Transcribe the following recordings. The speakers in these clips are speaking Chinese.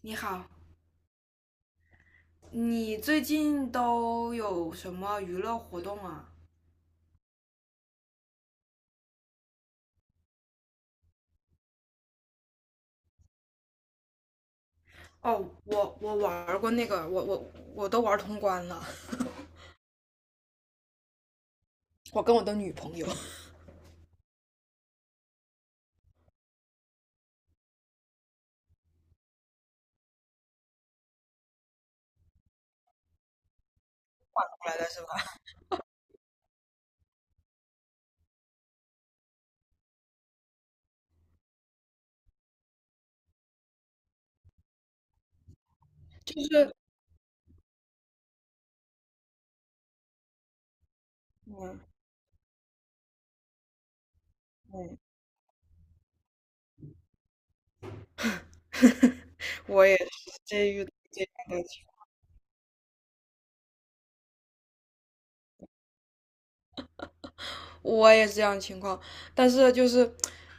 你好，你最近都有什么娱乐活动啊？哦，我玩过那个，我都玩通关了。我跟我的女朋友 后来的是吧？就是嗯嗯，我也是这遇这样的情况我也是这样的情况，但是就是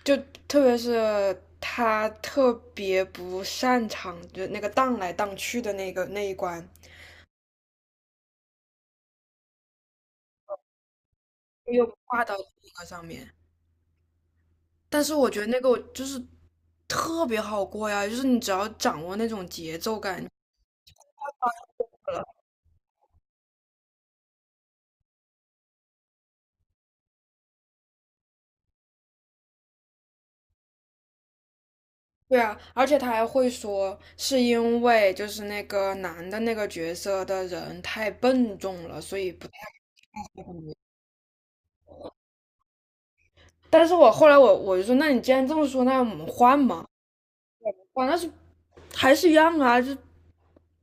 就特别是他特别不擅长，就那个荡来荡去的那个那一关，又挂到那个上面。但是我觉得那个就是特别好过呀，就是你只要掌握那种节奏感就好了。对啊，而且他还会说是因为就是那个男的那个角色的人太笨重了，所以不太。但是我后来我就说，那你既然这么说，那我们换嘛？换那是还是一样啊，就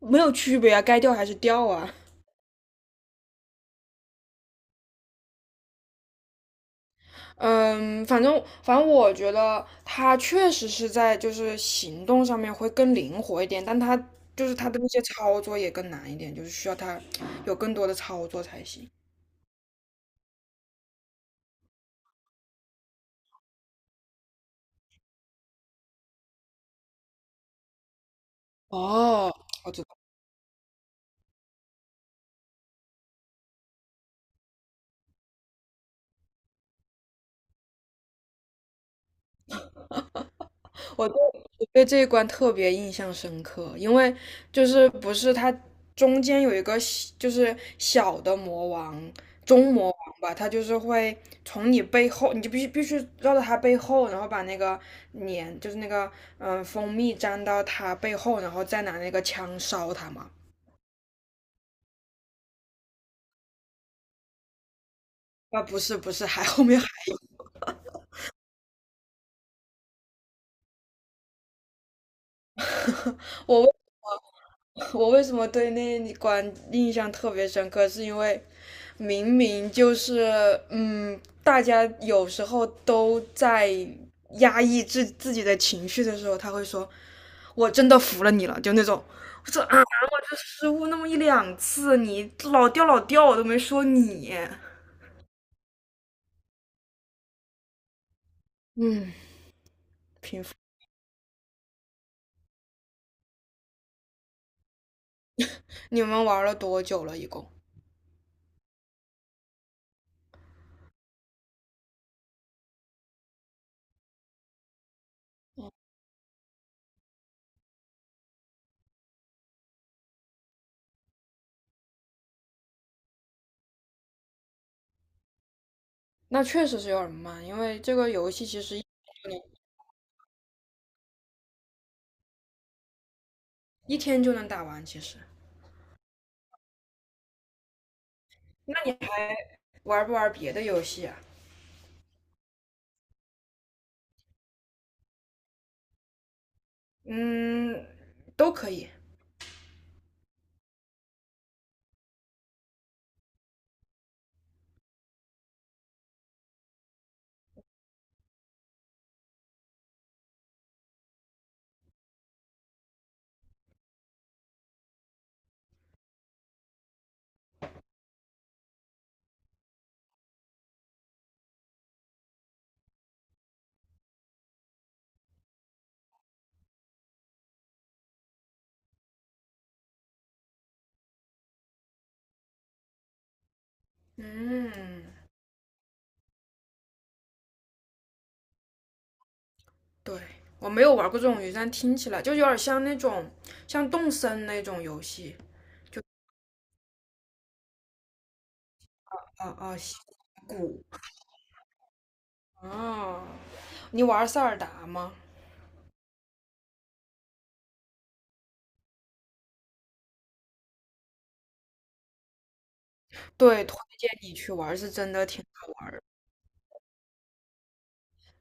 没有区别啊，该掉还是掉啊。嗯，反正我觉得他确实是在就是行动上面会更灵活一点，但他就是他的那些操作也更难一点，就是需要他有更多的操作才行。哦，我知我对我对这一关特别印象深刻，因为就是不是它中间有一个小就是小的魔王，中魔王吧。他就是会从你背后，你就必须绕到他背后，然后把那个粘就是那个嗯蜂蜜粘到他背后，然后再拿那个枪烧他嘛。啊，不是不是，还 后面还。我为 我为什么对那关印象特别深刻？是因为明明就是，嗯，大家有时候都在压抑自己的情绪的时候，他会说：“我真的服了你了。”就那种。我说啊，我就失误那么一两次，你老掉老掉，我都没说你。嗯，平复。你们玩了多久了？一共？那确实是有点慢，因为这个游戏其实一天就能打完，其实。那你玩不玩别的游戏啊？嗯，都可以。嗯，对，我没有玩过这种游戏，但听起来就有点像那种像动森那种游戏。就啊啊西啊。你玩塞尔达吗？对，推荐你去玩，是真的挺好玩。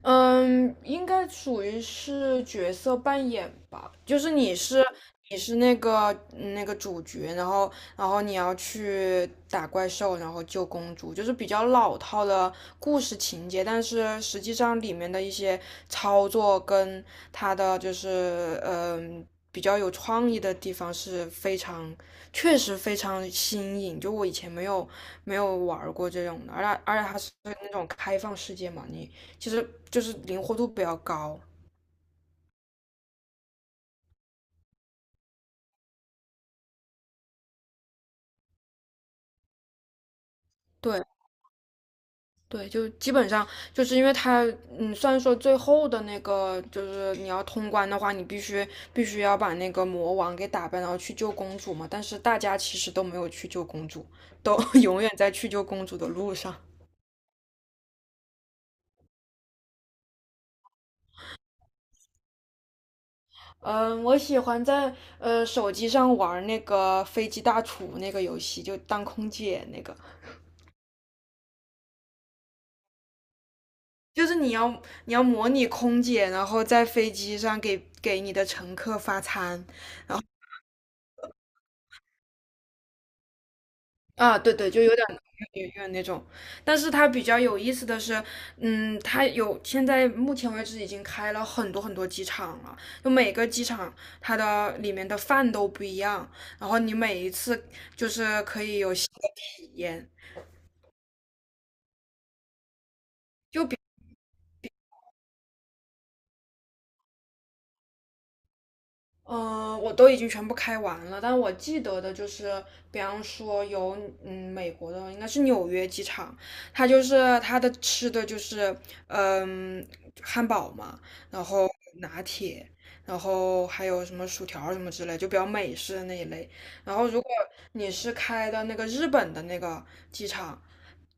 嗯，应该属于是角色扮演吧，就是你是那个嗯那个主角，然后你要去打怪兽，然后救公主，就是比较老套的故事情节。但是实际上里面的一些操作跟它的就是嗯比较有创意的地方是非常确实非常新颖。就我以前没有玩儿过这种的，而且它是那种开放世界嘛，你。其实就是灵活度比较高。对对，就基本上就是因为它，嗯，虽然说最后的那个就是你要通关的话，你必须要把那个魔王给打败，然后去救公主嘛。但是大家其实都没有去救公主，都 永远在去救公主的路上。嗯，我喜欢在手机上玩那个飞机大厨那个游戏，就当空姐那个，就是你要模拟空姐，然后在飞机上给你的乘客发餐，然后。啊，对对，就有点那种。但是它比较有意思的是，嗯，它有现在目前为止已经开了很多很多机场了，就每个机场它的里面的饭都不一样。然后你每一次就是可以有新的体验。就比。嗯、我都已经全部开完了，但我记得的就是，比方说有嗯美国的应该是纽约机场，它就是它的吃的就是嗯汉堡嘛，然后拿铁，然后还有什么薯条什么之类，就比较美式的那一类。然后如果你是开的那个日本的那个机场，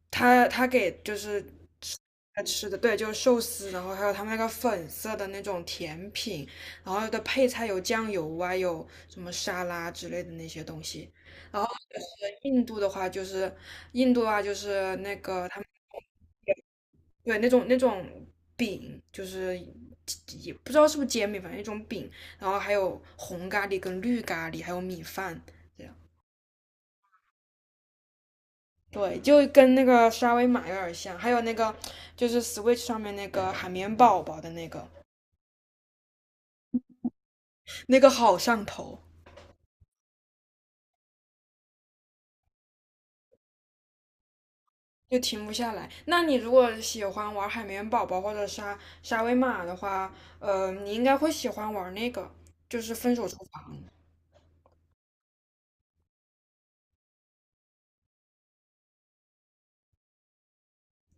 他给就是吃吃的，对，就是寿司，然后还有他们那个粉色的那种甜品，然后的配菜有酱油啊，有什么沙拉之类的那些东西。然后就是印度的话，就是印度啊，就是那个他们对那种饼，就是也不知道是不是煎饼，反正一种饼。然后还有红咖喱跟绿咖喱，还有米饭。这样对，就跟那个沙威玛有点像，还有那个就是 Switch 上面那个海绵宝宝的那个，那个好上头。就停不下来。那你如果喜欢玩海绵宝宝或者沙威玛的话，呃，你应该会喜欢玩那个，就是分手厨房。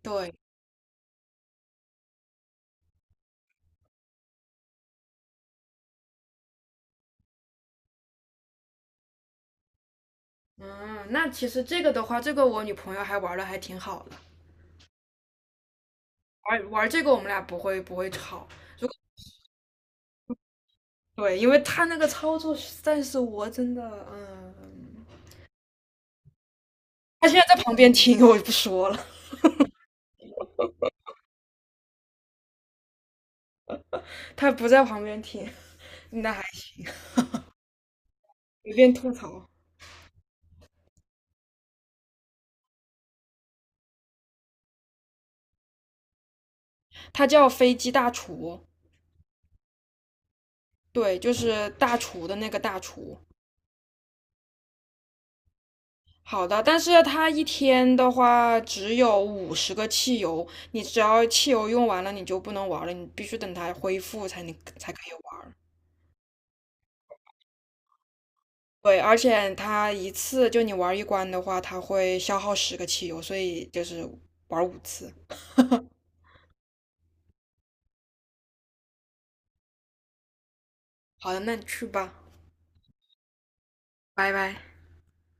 对，嗯，那其实这个的话，这个我女朋友还玩的还挺好的。玩玩这个我们俩不会吵。对，因为他那个操作实在是我真的，嗯，他现在在旁边听，我就不说了。他不在旁边听，那还随便吐槽。他叫飞机大厨，对，就是大厨的那个大厨。好的，但是它一天的话只有50个汽油，你只要汽油用完了，你就不能玩了，你必须等它恢复才可以玩。对，而且它一次就你玩一关的话，它会消耗十个汽油，所以就是玩5次。好的，那你去吧，拜拜。